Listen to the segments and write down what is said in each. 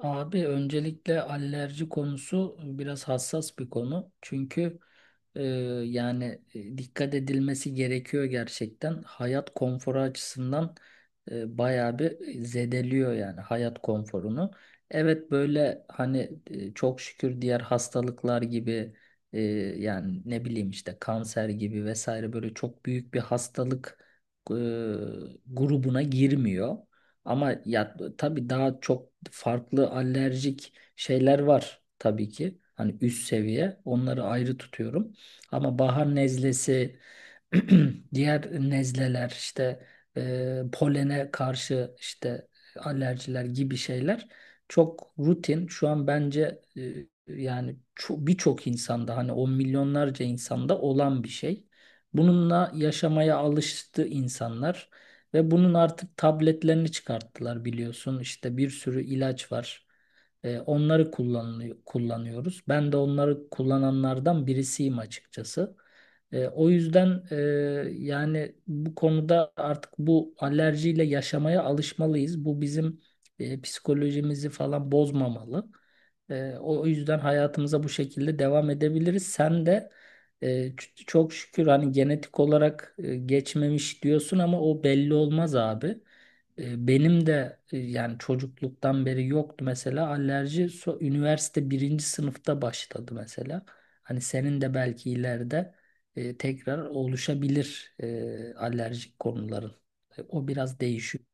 Abi öncelikle alerji konusu biraz hassas bir konu. Çünkü e, dikkat edilmesi gerekiyor gerçekten. Hayat konforu açısından bayağı bir zedeliyor yani hayat konforunu. Evet böyle hani çok şükür diğer hastalıklar gibi e, yani ne bileyim işte kanser gibi vesaire böyle çok büyük bir hastalık e, grubuna girmiyor. Ama ya tabii daha çok farklı alerjik şeyler var tabii ki. Hani üst seviye onları ayrı tutuyorum. Ama bahar nezlesi diğer nezleler işte polene karşı işte alerjiler gibi şeyler çok rutin. Şu an bence yani birçok insanda hani on milyonlarca insanda olan bir şey. Bununla yaşamaya alıştı insanlar ve bunun artık tabletlerini çıkarttılar biliyorsun. İşte bir sürü ilaç var. Onları kullanılıyor, kullanıyoruz. Ben de onları kullananlardan birisiyim açıkçası. O yüzden yani bu konuda artık bu alerjiyle yaşamaya alışmalıyız. Bu bizim psikolojimizi falan bozmamalı. O yüzden hayatımıza bu şekilde devam edebiliriz. Sen de çok şükür hani genetik olarak geçmemiş diyorsun ama o belli olmaz abi. Benim de yani çocukluktan beri yoktu mesela alerji. Üniversite birinci sınıfta başladı mesela. Hani senin de belki ileride tekrar oluşabilir alerjik konuların. O biraz değişiyor.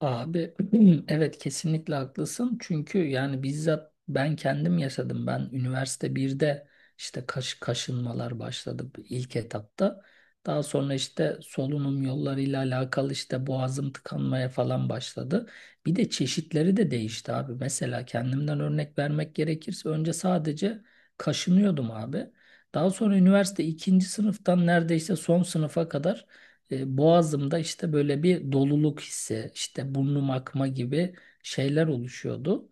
Abi evet kesinlikle haklısın. Çünkü yani bizzat ben kendim yaşadım. Ben üniversite birde işte kaşınmalar başladı ilk etapta. Daha sonra işte solunum yollarıyla alakalı işte boğazım tıkanmaya falan başladı. Bir de çeşitleri de değişti abi. Mesela kendimden örnek vermek gerekirse önce sadece kaşınıyordum abi. Daha sonra üniversite ikinci sınıftan neredeyse son sınıfa kadar boğazımda işte böyle bir doluluk hissi, işte burnum akma gibi şeyler oluşuyordu.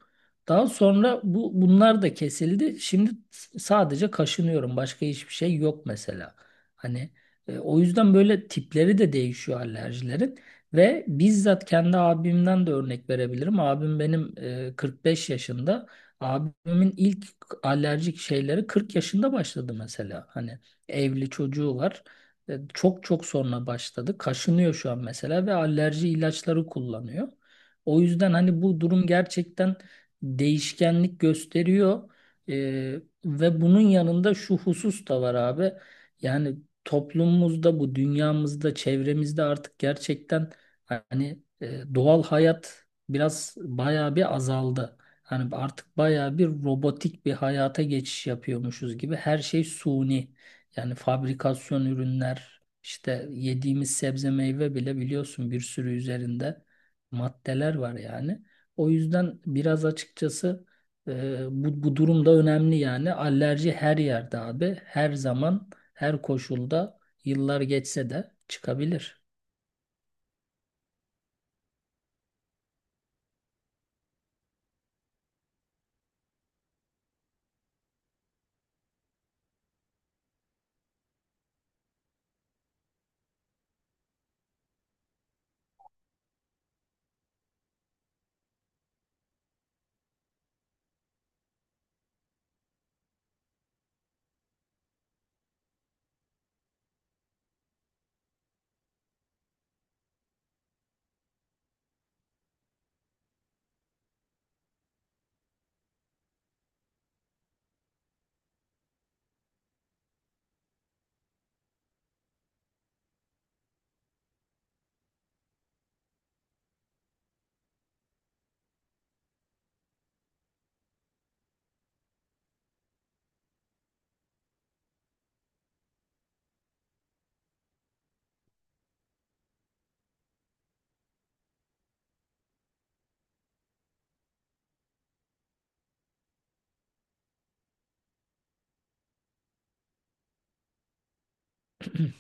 Daha sonra bunlar da kesildi. Şimdi sadece kaşınıyorum. Başka hiçbir şey yok mesela. Hani o yüzden böyle tipleri de değişiyor alerjilerin ve bizzat kendi abimden de örnek verebilirim. Abim benim 45 yaşında. Abimin ilk alerjik şeyleri 40 yaşında başladı mesela. Hani evli çocuğu var. Çok çok sonra başladı. Kaşınıyor şu an mesela ve alerji ilaçları kullanıyor. O yüzden hani bu durum gerçekten değişkenlik gösteriyor. E, Ve bunun yanında şu husus da var abi. Yani toplumumuzda, bu dünyamızda, çevremizde artık gerçekten hani doğal hayat biraz bayağı bir azaldı. Hani artık bayağı bir robotik bir hayata geçiş yapıyormuşuz gibi. Her şey suni. Yani fabrikasyon ürünler, işte yediğimiz sebze meyve bile biliyorsun bir sürü üzerinde maddeler var yani. O yüzden biraz açıkçası bu durum önemli yani. Alerji her yerde abi, her zaman, her koşulda, yıllar geçse de çıkabilir.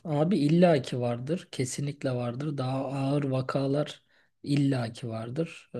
Abi illaki vardır. Kesinlikle vardır. Daha ağır vakalar illaki vardır.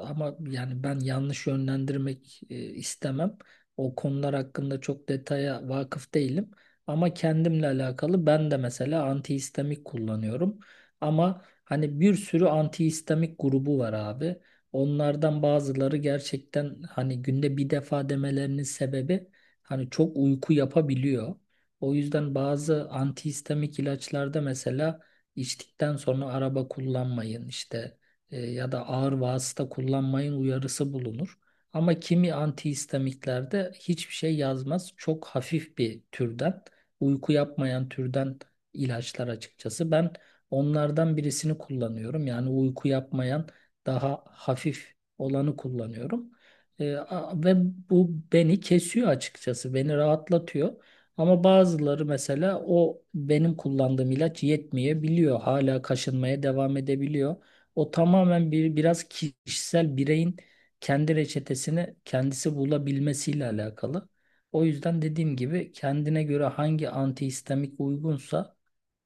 Ama yani ben yanlış yönlendirmek istemem. O konular hakkında çok detaya vakıf değilim. Ama kendimle alakalı ben de mesela antihistamik kullanıyorum. Ama hani bir sürü antihistamik grubu var abi. Onlardan bazıları gerçekten hani günde bir defa demelerinin sebebi hani çok uyku yapabiliyor. O yüzden bazı antihistamik ilaçlarda mesela içtikten sonra araba kullanmayın işte ya da ağır vasıta kullanmayın uyarısı bulunur. Ama kimi antihistamiklerde hiçbir şey yazmaz. Çok hafif bir türden, uyku yapmayan türden ilaçlar açıkçası. Ben onlardan birisini kullanıyorum. Yani uyku yapmayan daha hafif olanı kullanıyorum. Ve bu beni kesiyor açıkçası. Beni rahatlatıyor. Ama bazıları mesela o benim kullandığım ilaç yetmeyebiliyor. Hala kaşınmaya devam edebiliyor. O tamamen bir biraz kişisel bireyin kendi reçetesini kendisi bulabilmesiyle alakalı. O yüzden dediğim gibi kendine göre hangi antihistamik uygunsa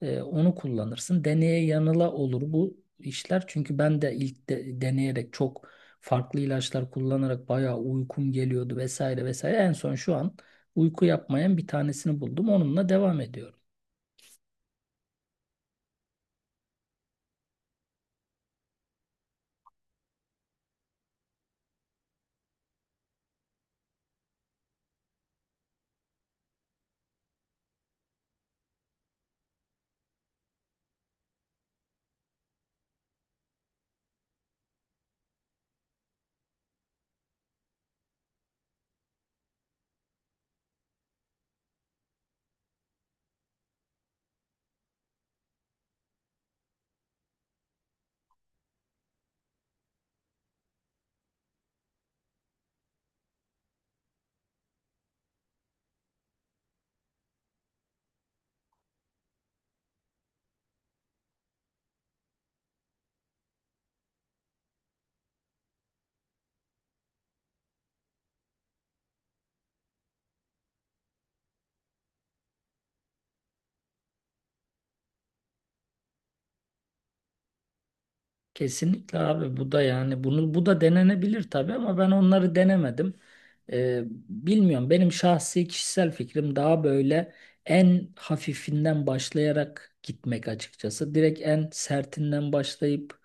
onu kullanırsın. Deneye yanıla olur bu işler. Çünkü ben de ilk deneyerek çok farklı ilaçlar kullanarak bayağı uykum geliyordu vesaire vesaire. En son şu an uyku yapmayan bir tanesini buldum. Onunla devam ediyorum. Kesinlikle abi bu da yani bu da denenebilir tabii ama ben onları denemedim. Ee, Bilmiyorum benim şahsi kişisel fikrim daha böyle en hafifinden başlayarak gitmek açıkçası. Direkt en sertinden başlayıp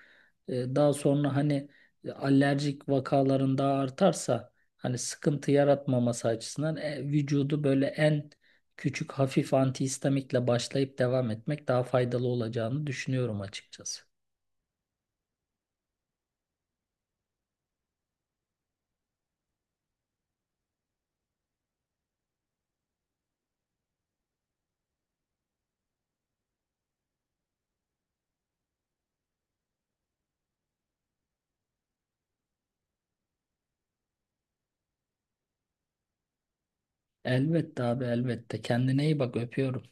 daha sonra hani alerjik vakaların daha artarsa hani sıkıntı yaratmaması açısından vücudu böyle en küçük hafif antihistamikle başlayıp devam etmek daha faydalı olacağını düşünüyorum açıkçası. Elbette abi elbette. Kendine iyi bak öpüyorum.